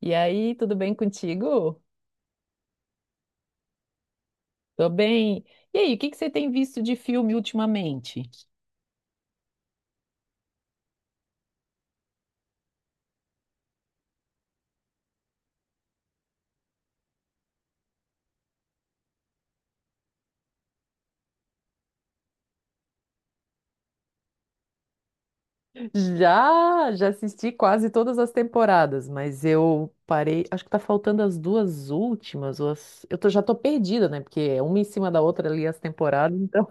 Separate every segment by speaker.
Speaker 1: E aí, tudo bem contigo? Tô bem. E aí, o que que você tem visto de filme ultimamente? Já assisti quase todas as temporadas, mas eu parei. Acho que tá faltando as duas últimas. Ou eu tô, já tô perdida, né? Porque é uma em cima da outra ali as temporadas, então.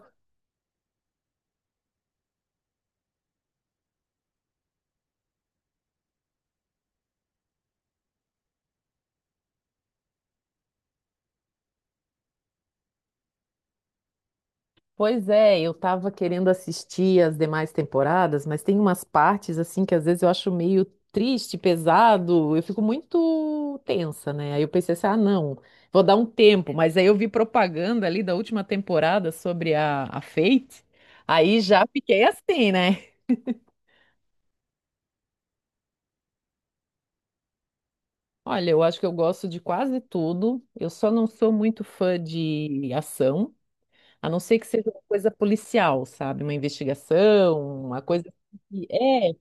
Speaker 1: Pois é, eu tava querendo assistir as demais temporadas, mas tem umas partes assim que às vezes eu acho meio triste, pesado, eu fico muito tensa, né? Aí eu pensei assim, ah, não, vou dar um tempo, mas aí eu vi propaganda ali da última temporada sobre a Fate, aí já fiquei assim, né? Olha, eu acho que eu gosto de quase tudo, eu só não sou muito fã de ação, a não ser que seja uma coisa policial, sabe? Uma investigação, uma coisa. É,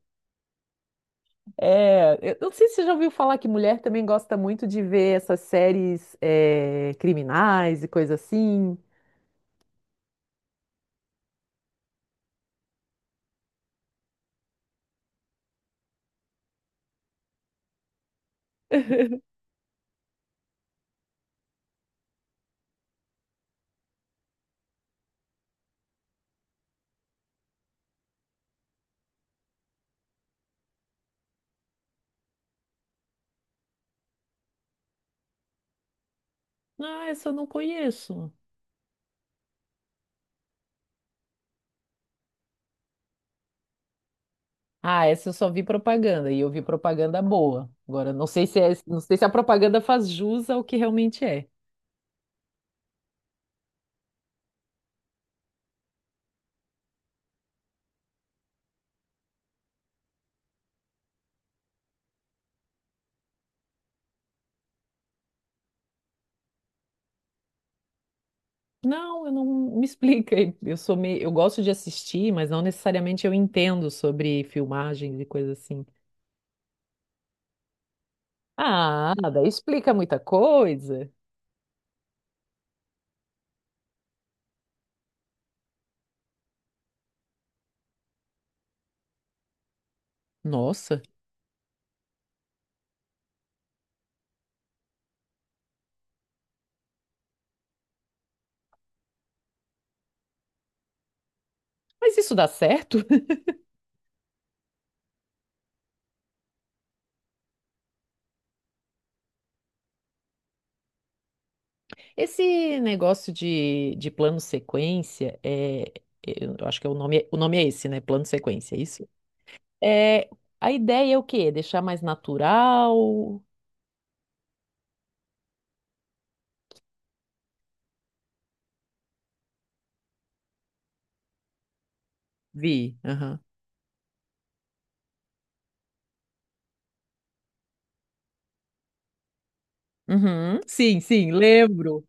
Speaker 1: é, eu não sei se você já ouviu falar que mulher também gosta muito de ver essas séries é, criminais e coisa assim. Ah, essa eu não conheço. Ah, essa eu só vi propaganda e eu vi propaganda boa. Agora, não sei se é, não sei se a propaganda faz jus ao que realmente é. Não, eu não me explica. Eu sou meio, eu gosto de assistir, mas não necessariamente eu entendo sobre filmagens e coisa assim. Ah, daí explica muita coisa. Nossa, mas isso dá certo? Esse negócio de, plano sequência, é, eu acho que é o nome, o nome é esse, né? Plano sequência, é isso? É, a ideia é o quê? Deixar mais natural? Vi. Aham. Uhum. Sim, sim, lembro.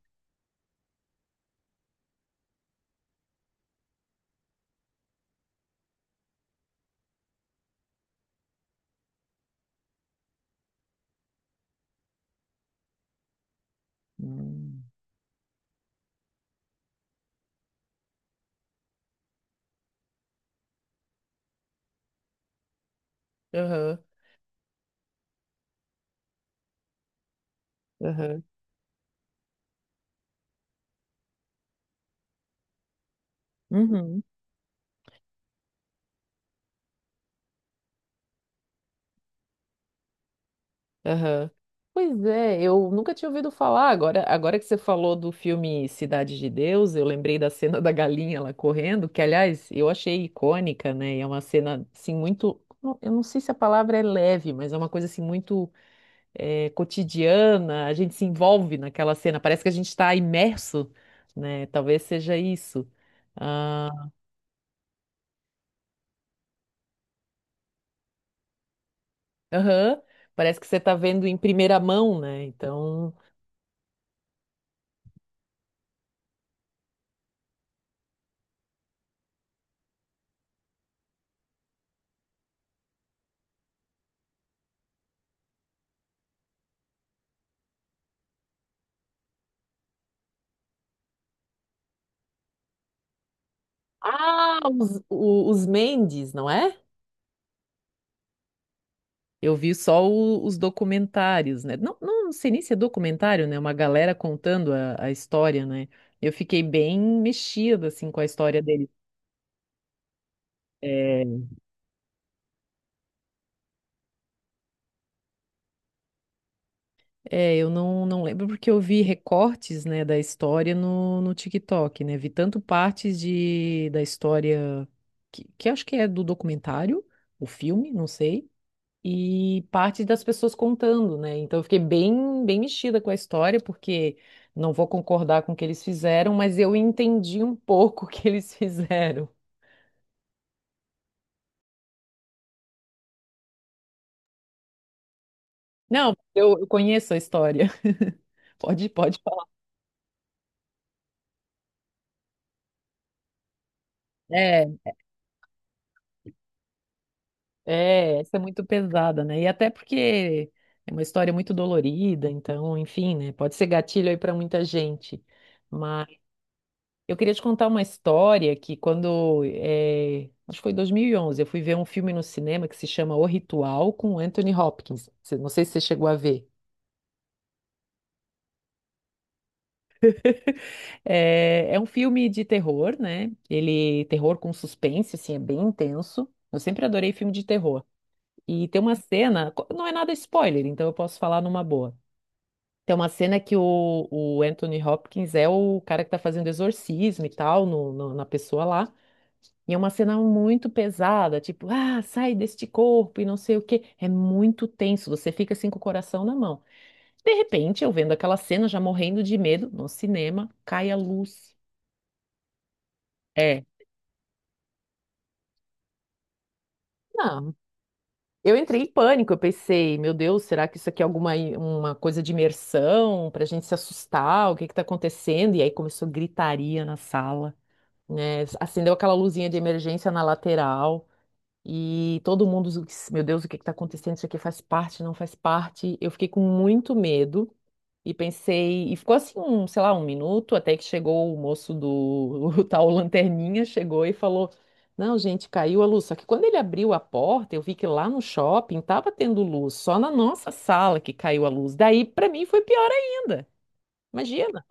Speaker 1: Hum. Aham, aham. Uhum. Aham. Pois é, eu nunca tinha ouvido falar. Agora, agora que você falou do filme Cidade de Deus, eu lembrei da cena da galinha lá correndo, que aliás eu achei icônica, né? E é uma cena assim muito, eu não sei se a palavra é leve, mas é uma coisa assim muito cotidiana. A gente se envolve naquela cena. Parece que a gente está imerso, né? Talvez seja isso. Ah, aham. Parece que você está vendo em primeira mão, né? Então, ah, os, os Mendes, não é? Eu vi só os documentários, né? Não, não sei nem se é documentário, né? Uma galera contando a história, né? Eu fiquei bem mexida, assim, com a história dele. É, é, eu não, não lembro porque eu vi recortes, né, da história no, no TikTok, né? Vi tanto partes de, da história que acho que é do documentário, o filme, não sei, e parte das pessoas contando, né? Então eu fiquei bem, bem mexida com a história, porque não vou concordar com o que eles fizeram, mas eu entendi um pouco o que eles fizeram. Não, eu conheço a história. Pode, pode falar. É, é, essa é muito pesada, né? E até porque é uma história muito dolorida, então, enfim, né? Pode ser gatilho aí para muita gente. Eu queria te contar uma história que quando, acho que foi em 2011, eu fui ver um filme no cinema que se chama O Ritual com Anthony Hopkins. Não sei se você chegou a ver. É, é um filme de terror, né? Ele, terror com suspense, assim, é bem intenso. Eu sempre adorei filme de terror. E tem uma cena, não é nada spoiler, então eu posso falar numa boa. Tem uma cena que o Anthony Hopkins é o cara que tá fazendo exorcismo e tal na pessoa lá. E é uma cena muito pesada, tipo, ah, sai deste corpo e não sei o quê. É muito tenso, você fica assim com o coração na mão. De repente, eu vendo aquela cena, já morrendo de medo, no cinema, cai a luz. É. Não, eu entrei em pânico, eu pensei, meu Deus, será que isso aqui é alguma uma coisa de imersão pra gente se assustar? O que que tá acontecendo? E aí começou gritaria na sala, né? Acendeu aquela luzinha de emergência na lateral. E todo mundo, meu Deus, o que está acontecendo? Isso aqui faz parte, não faz parte. Eu fiquei com muito medo e pensei, e ficou assim, um, sei lá, um minuto, até que chegou o moço do o tal Lanterninha, chegou e falou: não, gente, caiu a luz. Só que quando ele abriu a porta, eu vi que lá no shopping estava tendo luz, só na nossa sala que caiu a luz. Daí, para mim, foi pior ainda. Imagina.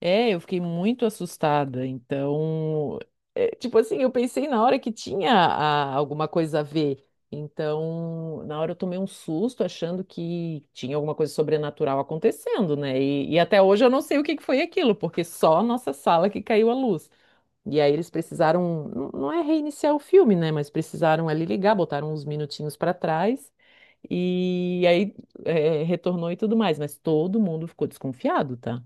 Speaker 1: É, eu fiquei muito assustada. Então, é, tipo assim, eu pensei na hora que tinha alguma coisa a ver. Então, na hora eu tomei um susto achando que tinha alguma coisa sobrenatural acontecendo, né? E até hoje eu não sei o que que foi aquilo, porque só a nossa sala que caiu a luz. E aí eles precisaram, não é reiniciar o filme, né? Mas precisaram ali ligar, botaram uns minutinhos para trás e aí é, retornou e tudo mais. Mas todo mundo ficou desconfiado, tá?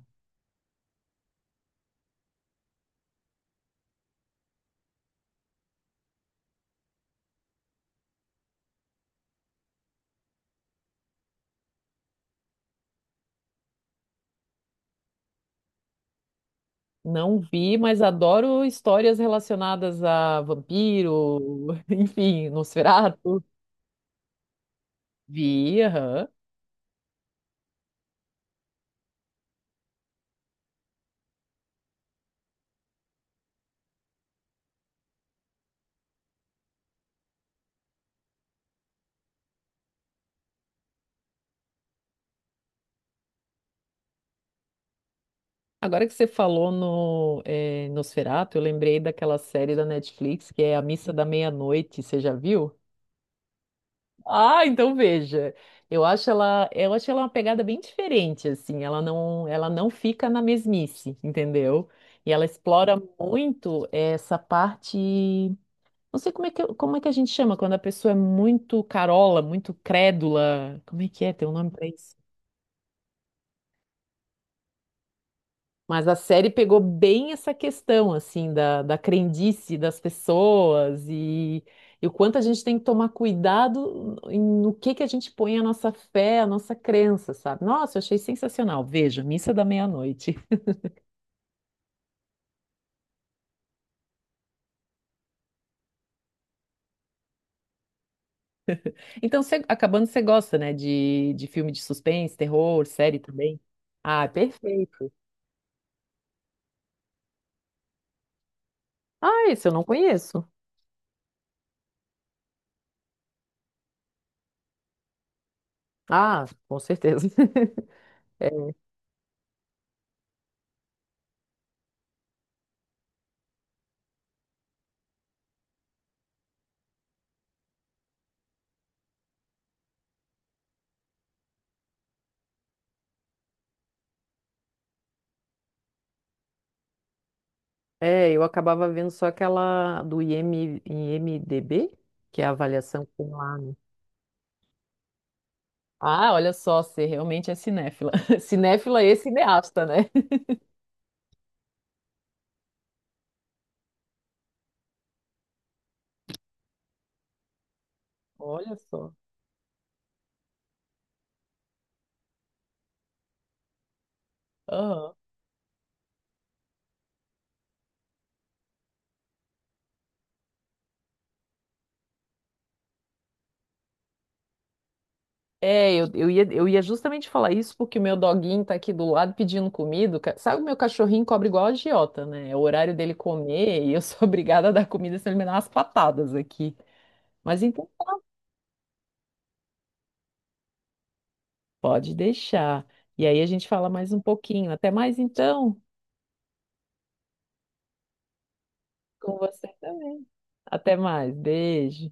Speaker 1: Não vi, mas adoro histórias relacionadas a vampiro, enfim, Nosferatu. Vi, aham. Agora que você falou no Nosferatu, eu lembrei daquela série da Netflix que é A Missa da Meia-Noite, você já viu? Ah, então veja. Eu acho ela uma pegada bem diferente, assim. Ela não fica na mesmice, entendeu? E ela explora muito essa parte. Não sei como é que a gente chama quando a pessoa é muito carola, muito crédula. Como é que é? Tem um nome pra isso? Mas a série pegou bem essa questão, assim, da, da crendice das pessoas e o quanto a gente tem que tomar cuidado no que a gente põe a nossa fé, a nossa crença, sabe? Nossa, eu achei sensacional. Veja, Missa da Meia-Noite. Então, acabando, você gosta, né, de filme de suspense, terror, série também? Ah, é perfeito. Ah, esse eu não conheço. Ah, com certeza. É, eu acabava vendo só aquela do IMDB, que é a avaliação que tem lá, né? Ah, olha só, você realmente é cinéfila. Cinéfila e cineasta, né? Olha só. Aham. É, eu, eu ia justamente falar isso porque o meu doguinho tá aqui do lado pedindo comida. Sabe, o meu cachorrinho cobra igual a agiota, né? É o horário dele comer e eu sou obrigada a dar comida, senão ele me dá umas patadas aqui. Mas então, tá. Pode deixar. E aí a gente fala mais um pouquinho. Até mais então. Com você também. Até mais. Beijo.